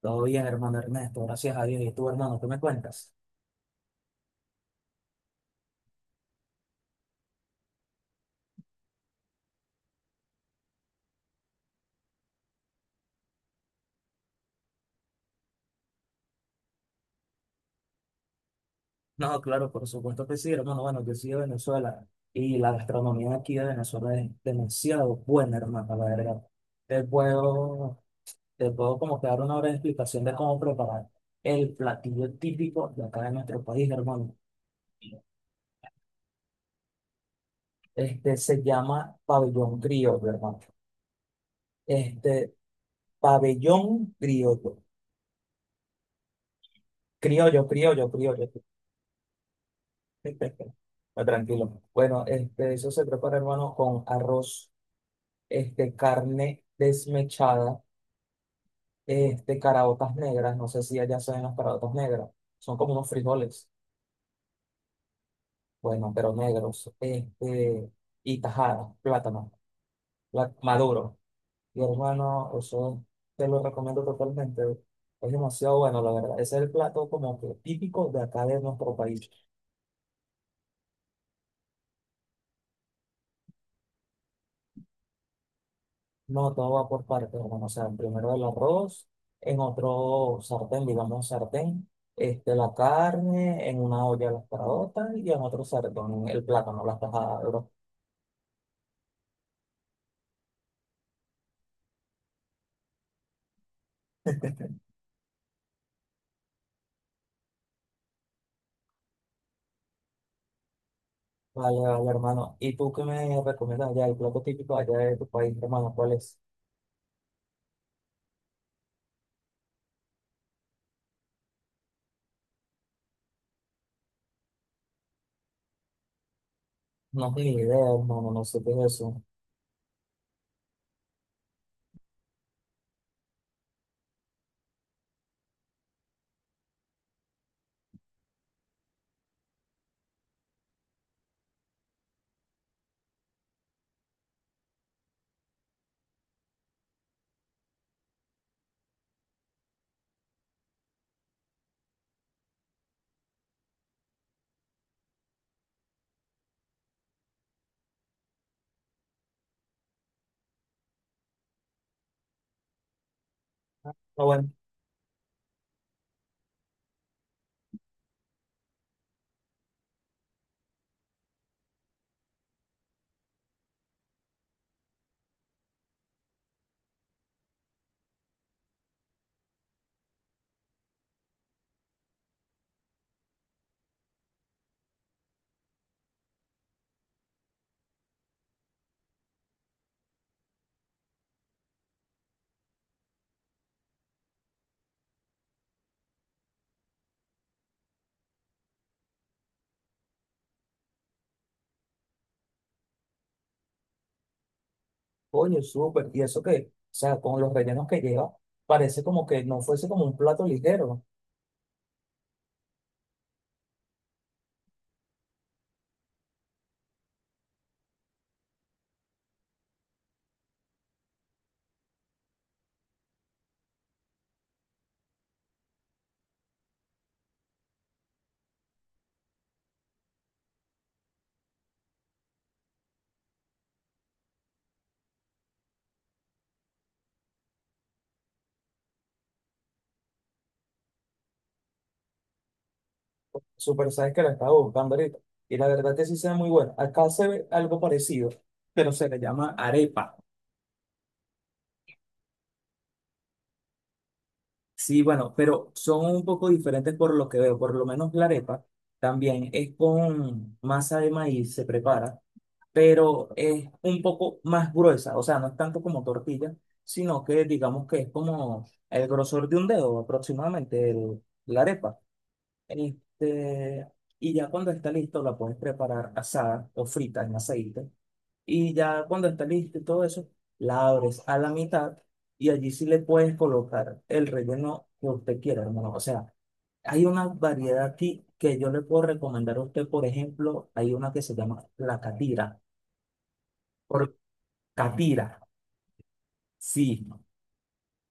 Todo bien, hermano Ernesto, gracias a Dios. ¿Y tú, hermano, qué me cuentas? No, claro, por supuesto que sí, hermano. Bueno, yo soy de Venezuela y la gastronomía aquí de Venezuela es demasiado buena, hermano, la verdad. Te puedo, te puedo como que dar una breve explicación de cómo preparar el platillo típico de acá de nuestro país, hermano. Este se llama pabellón criollo, hermano. Este, pabellón criollo. Criollo. Perfecto. Ah, tranquilo. Bueno, eso se prepara, hermano, con arroz, carne desmechada, caraotas negras. No sé si allá se ven las caraotas negras. Son como unos frijoles, bueno, pero negros. Y tajadas plátano, maduro. Y hermano, eso te lo recomiendo totalmente. Es demasiado bueno, la verdad. Ese es el plato como que típico de acá de nuestro país. No, todo va por partes, hermano. O sea, primero el arroz, en otro sartén, digamos sartén, la carne, en una olla las carotas y en otro sartén el plátano, las tajadas, bro. Vale, vale, hermano. ¿Y tú qué me recomiendas allá? El plato típico allá de tu país, hermano, ¿cuál es? No tengo ni idea, hermano, no sé qué es eso. No, bueno, oye, súper. ¿Y eso qué? O sea, con los rellenos que lleva, parece como que no fuese como un plato ligero. Súper, sabes que la estaba buscando ahorita. Y la verdad que sí se ve muy buena. Acá se ve algo parecido, pero se le llama arepa. Sí, bueno, pero son un poco diferentes por lo que veo. Por lo menos la arepa también es con masa de maíz, se prepara, pero es un poco más gruesa. O sea, no es tanto como tortilla, sino que digamos que es como el grosor de un dedo aproximadamente, la arepa. Este, y ya cuando está listo, la puedes preparar asada o frita en aceite. Y ya cuando está listo y todo eso, la abres a la mitad y allí sí le puedes colocar el relleno que usted quiera, hermano. O sea, hay una variedad aquí que yo le puedo recomendar a usted. Por ejemplo, hay una que se llama la catira. Por catira, sí.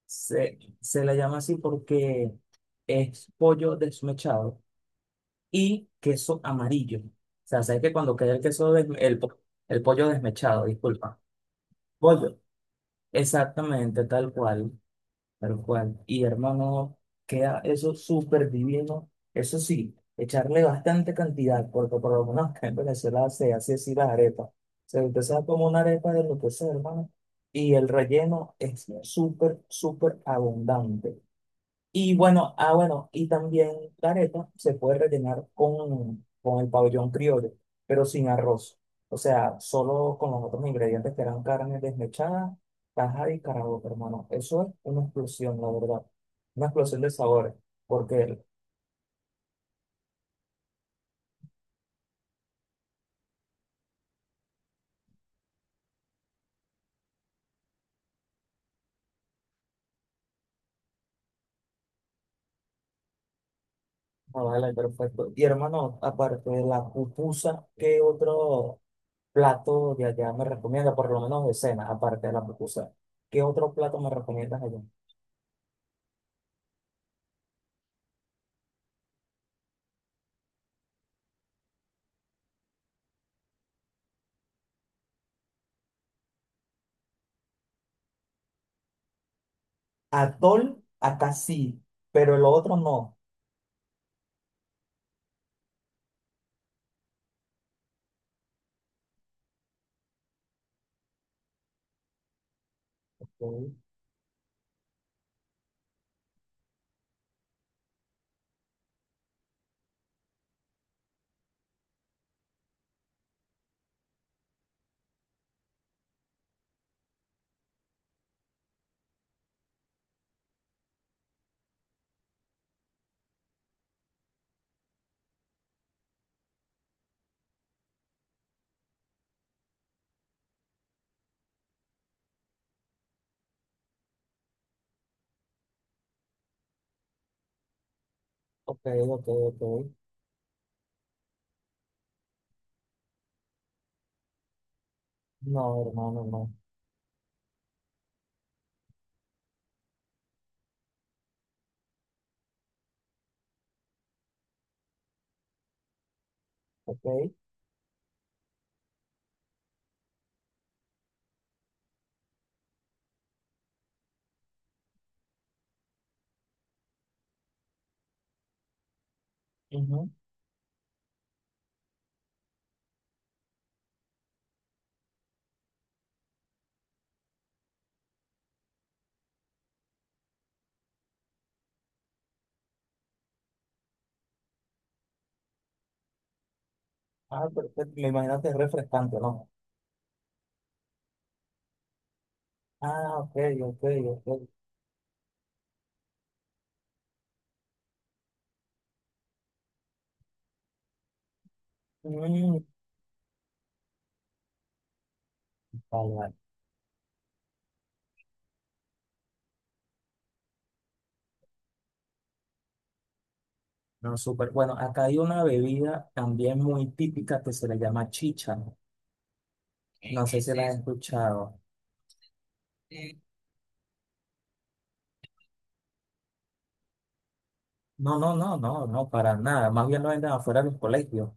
Se la llama así porque es pollo desmechado y queso amarillo. O sea, sabes que cuando queda el queso, el pollo desmechado, disculpa. Pollo. Exactamente, tal cual. Tal cual. Y hermano, queda eso súper divino. Eso sí, echarle bastante cantidad, porque por lo menos acá en Venezuela se hace así las arepas. Se empieza como una arepa de lo que sea, hermano. Y el relleno es súper, súper abundante. Y bueno, ah, bueno, y también la arepa se puede rellenar con el pabellón criollo, pero sin arroz. O sea, solo con los otros ingredientes que eran carne desmechada, tajada y caraota, hermano. Eso es una explosión, la verdad. Una explosión de sabores, porque, no, vale, perfecto. Y hermano, aparte de la pupusa, ¿qué otro plato de allá me recomienda? Por lo menos de cena, aparte de la pupusa. ¿Qué otro plato me recomiendas allá? Atol, acá sí, pero el otro no. Ok, ok, ok, ok. No, hermano, no. Ok. Ujú. Ah, perfecto. Me imagino que es refrescante, ¿no? Ah, ok, ok, ok. Mm, vale, vale. No, súper. Bueno, acá hay una bebida también muy típica que se le llama chicha. No sé si la has escuchado. No, no, no, no, no, para nada. Más bien lo venden afuera de los colegios.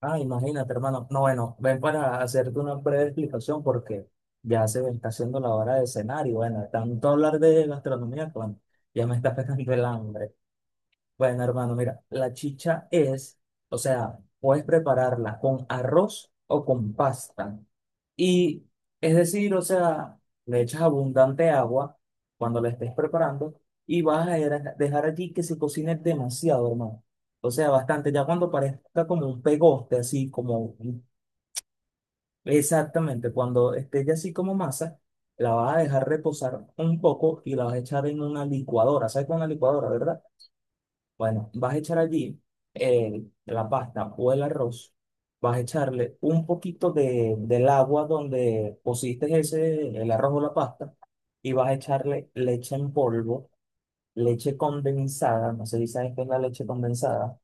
Ah, imagínate, hermano. No, bueno, ven para hacerte una breve explicación porque ya se me está haciendo la hora de cenar y bueno, tanto hablar de gastronomía, que, bueno, ya me está pegando el hambre. Bueno, hermano, mira, la chicha es, o sea, puedes prepararla con arroz o con pasta. Y es decir, o sea, le echas abundante agua cuando la estés preparando y vas a dejar allí que se cocine demasiado, hermano. O sea, bastante, ya cuando parezca como un pegoste, así como un- exactamente, cuando esté ya así como masa, la vas a dejar reposar un poco y la vas a echar en una licuadora. ¿Sabes con una licuadora, verdad? Bueno, vas a echar allí la pasta o el arroz. Vas a echarle un poquito del agua donde pusiste ese, el arroz o la pasta. Y vas a echarle leche en polvo, leche condensada. No sé si sabes qué es la leche condensada.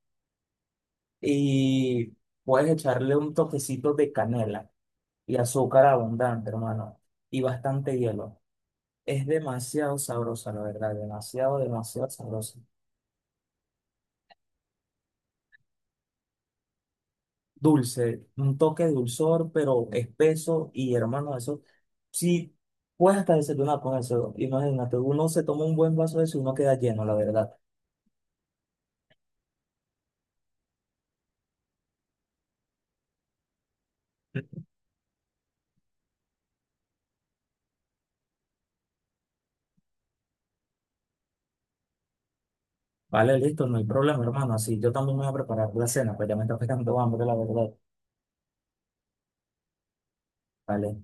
Y puedes echarle un toquecito de canela y azúcar abundante, hermano. Y bastante hielo. Es demasiado sabrosa, la verdad. Demasiado, demasiado sabrosa. Dulce, un toque de dulzor, pero espeso y hermano, eso sí, puedes hasta desayunar con eso. Imagínate, uno se toma un buen vaso de eso y uno queda lleno, la verdad. Vale, listo, no hay problema, hermano. Así yo también me voy a preparar la cena, pues ya me está pegando hambre, la verdad. Vale.